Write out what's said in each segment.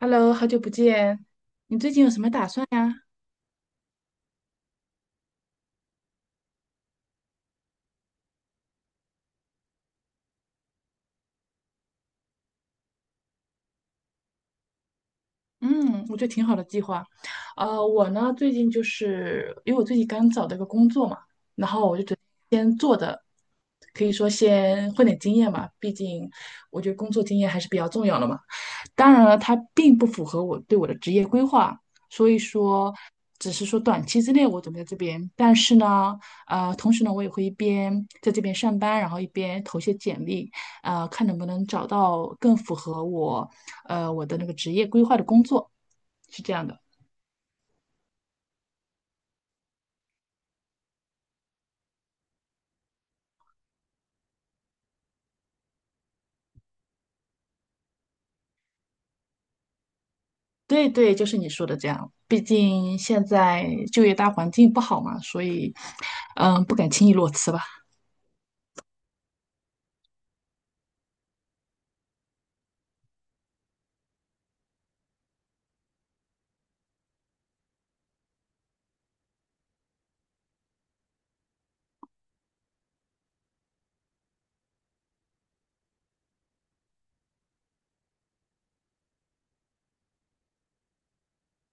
Hello，好久不见，你最近有什么打算呀？嗯，我觉得挺好的计划。我呢最近就是因为我最近刚找到一个工作嘛，可以说先混点经验嘛，毕竟我觉得工作经验还是比较重要的嘛。当然了，它并不符合我对我的职业规划，所以说只是说短期之内我准备在这边，但是呢，同时呢，我也会一边在这边上班，然后一边投些简历，看能不能找到更符合我，我的那个职业规划的工作，是这样的。对对，就是你说的这样。毕竟现在就业大环境不好嘛，所以，嗯，不敢轻易裸辞吧。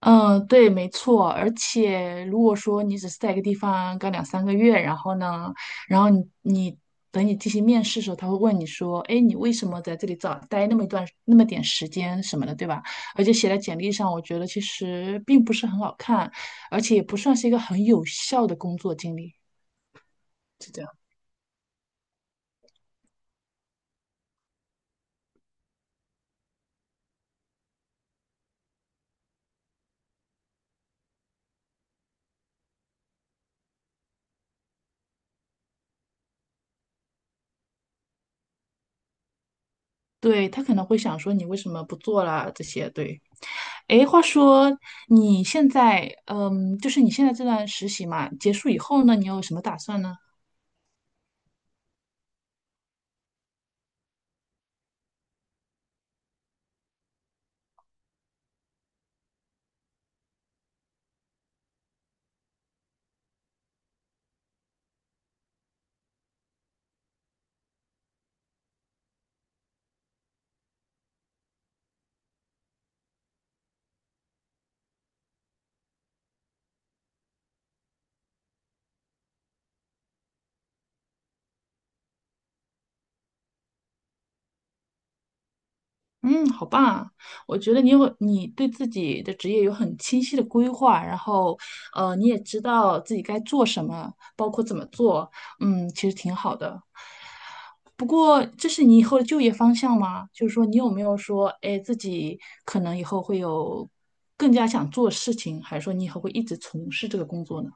嗯，对，没错。而且，如果说你只是在一个地方干两三个月，然后呢，然后你等你进行面试的时候，他会问你说：“哎，你为什么在这里早待那么一段那么点时间什么的，对吧？”而且写在简历上，我觉得其实并不是很好看，而且也不算是一个很有效的工作经历，是这样。对，他可能会想说你为什么不做了这些，对。哎，话说你现在，嗯，就是你现在这段实习嘛，结束以后呢，你有什么打算呢？嗯，好棒啊！我觉得你有你对自己的职业有很清晰的规划，然后，你也知道自己该做什么，包括怎么做，嗯，其实挺好的。不过，这是你以后的就业方向吗？就是说，你有没有说，哎，自己可能以后会有更加想做的事情，还是说你以后会一直从事这个工作呢？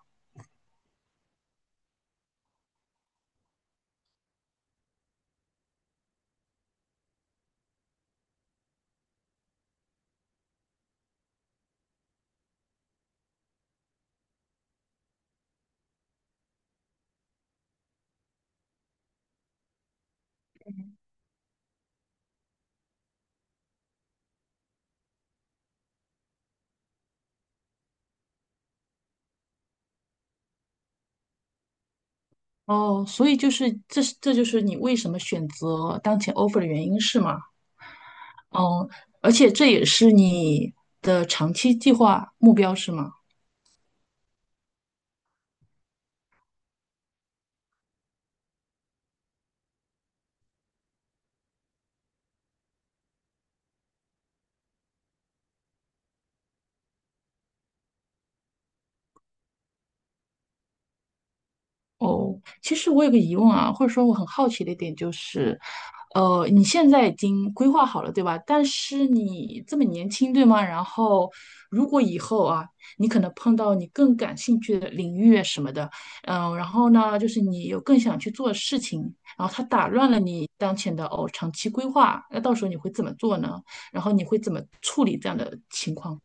哦，所以就是这就是你为什么选择当前 offer 的原因是吗？嗯，而且这也是你的长期计划目标是吗？哦，其实我有个疑问啊，或者说我很好奇的一点就是，你现在已经规划好了，对吧？但是你这么年轻，对吗？然后如果以后啊，你可能碰到你更感兴趣的领域啊什么的，嗯、然后呢，就是你有更想去做的事情，然后它打乱了你当前的哦长期规划，那到时候你会怎么做呢？然后你会怎么处理这样的情况？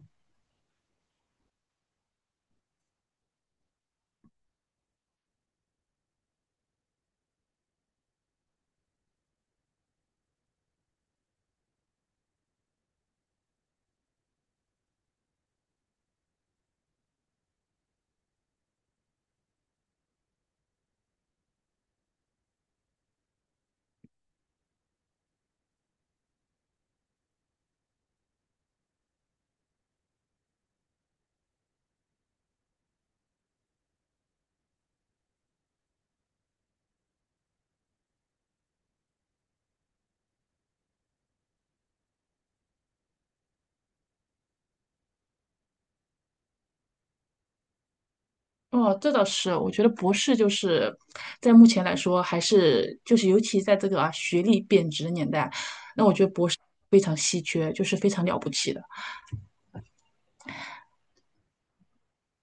哦，这倒是，我觉得博士就是在目前来说，还是就是尤其在这个啊学历贬值的年代，那我觉得博士非常稀缺，就是非常了不起的。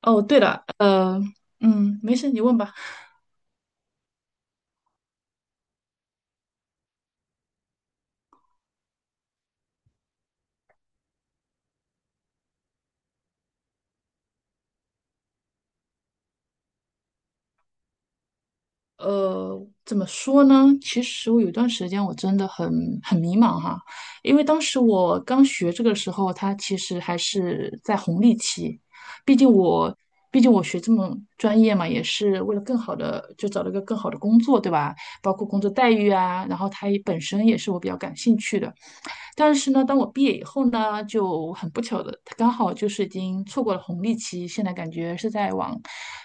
哦，对了，嗯，没事，你问吧。呃，怎么说呢？其实我有一段时间我真的很迷茫哈，因为当时我刚学这个的时候，它其实还是在红利期。毕竟我，毕竟我学这么专业嘛，也是为了更好的，就找了一个更好的工作，对吧？包括工作待遇啊，然后它也本身也是我比较感兴趣的。但是呢，当我毕业以后呢，就很不巧的，刚好就是已经错过了红利期，现在感觉是在往，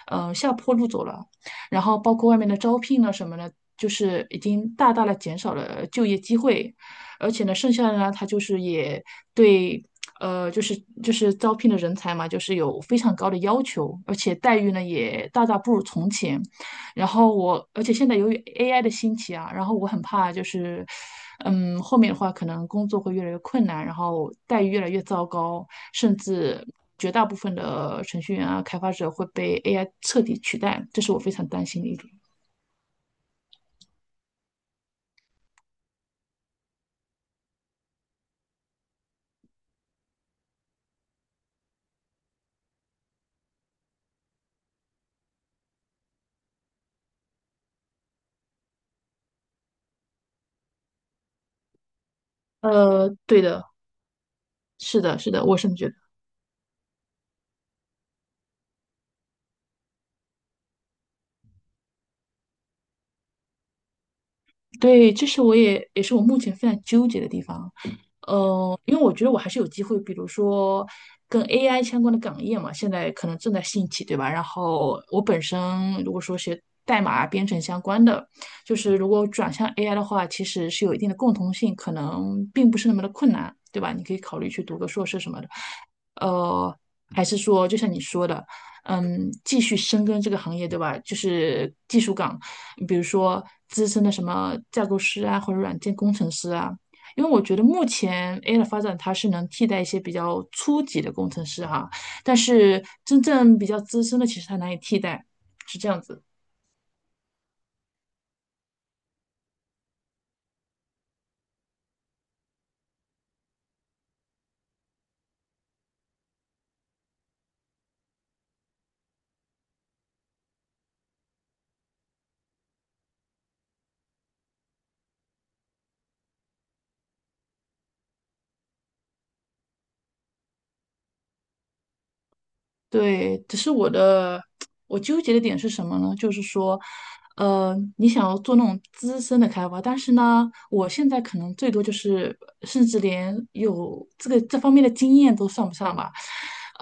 下坡路走了。然后包括外面的招聘呢什么的，就是已经大大的减少了就业机会，而且呢，剩下的呢，它就是也对。呃，就是就是招聘的人才嘛，就是有非常高的要求，而且待遇呢也大大不如从前。然后我，而且现在由于 AI 的兴起啊，然后我很怕就是，嗯，后面的话可能工作会越来越困难，然后待遇越来越糟糕，甚至绝大部分的程序员啊、开发者会被 AI 彻底取代，这是我非常担心的一点。呃，对的，是的，是的，我甚至觉得，对，这是我是我目前非常纠结的地方。因为我觉得我还是有机会，比如说跟 AI 相关的岗业嘛，现在可能正在兴起，对吧？然后我本身如果说学代码编程相关的，就是如果转向 AI 的话，其实是有一定的共同性，可能并不是那么的困难，对吧？你可以考虑去读个硕士什么的，呃，还是说就像你说的。嗯，继续深耕这个行业，对吧？就是技术岗，比如说资深的什么架构师啊，或者软件工程师啊，因为我觉得目前 AI 的发展，它是能替代一些比较初级的工程师哈，但是真正比较资深的，其实它难以替代，是这样子。对，只是我纠结的点是什么呢？就是说，你想要做那种资深的开发，但是呢，我现在可能最多就是，甚至连有这个这方面的经验都算不上吧。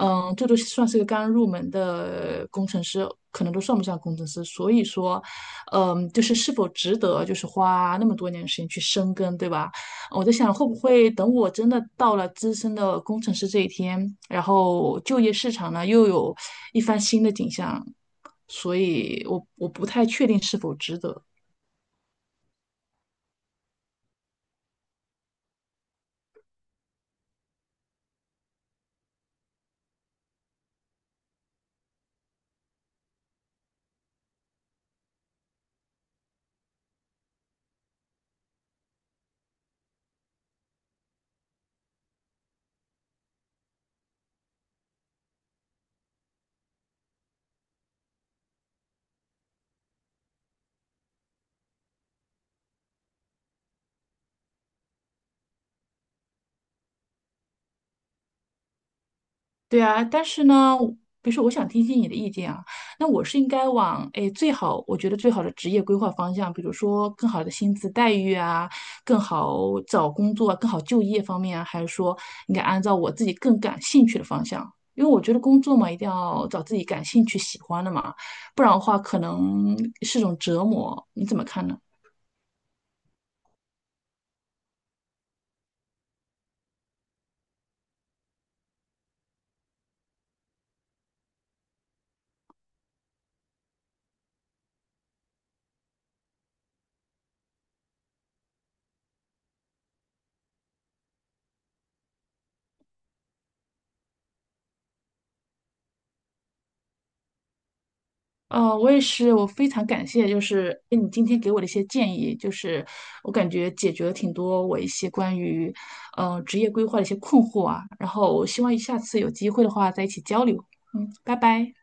嗯，最多算是个刚入门的工程师，可能都算不上工程师。所以说，嗯，就是是否值得，就是花那么多年的时间去深耕，对吧？我在想，会不会等我真的到了资深的工程师这一天，然后就业市场呢又有一番新的景象，所以我不太确定是否值得。对啊，但是呢，比如说我想听听你的意见啊，那我是应该往诶最好，我觉得最好的职业规划方向，比如说更好的薪资待遇啊，更好找工作啊，更好就业方面啊，还是说应该按照我自己更感兴趣的方向？因为我觉得工作嘛，一定要找自己感兴趣、喜欢的嘛，不然的话可能是种折磨。你怎么看呢？我也是，我非常感谢，就是哎，诶你今天给我的一些建议，就是我感觉解决了挺多我一些关于，职业规划的一些困惑啊。然后我希望下次有机会的话再一起交流。嗯，拜拜。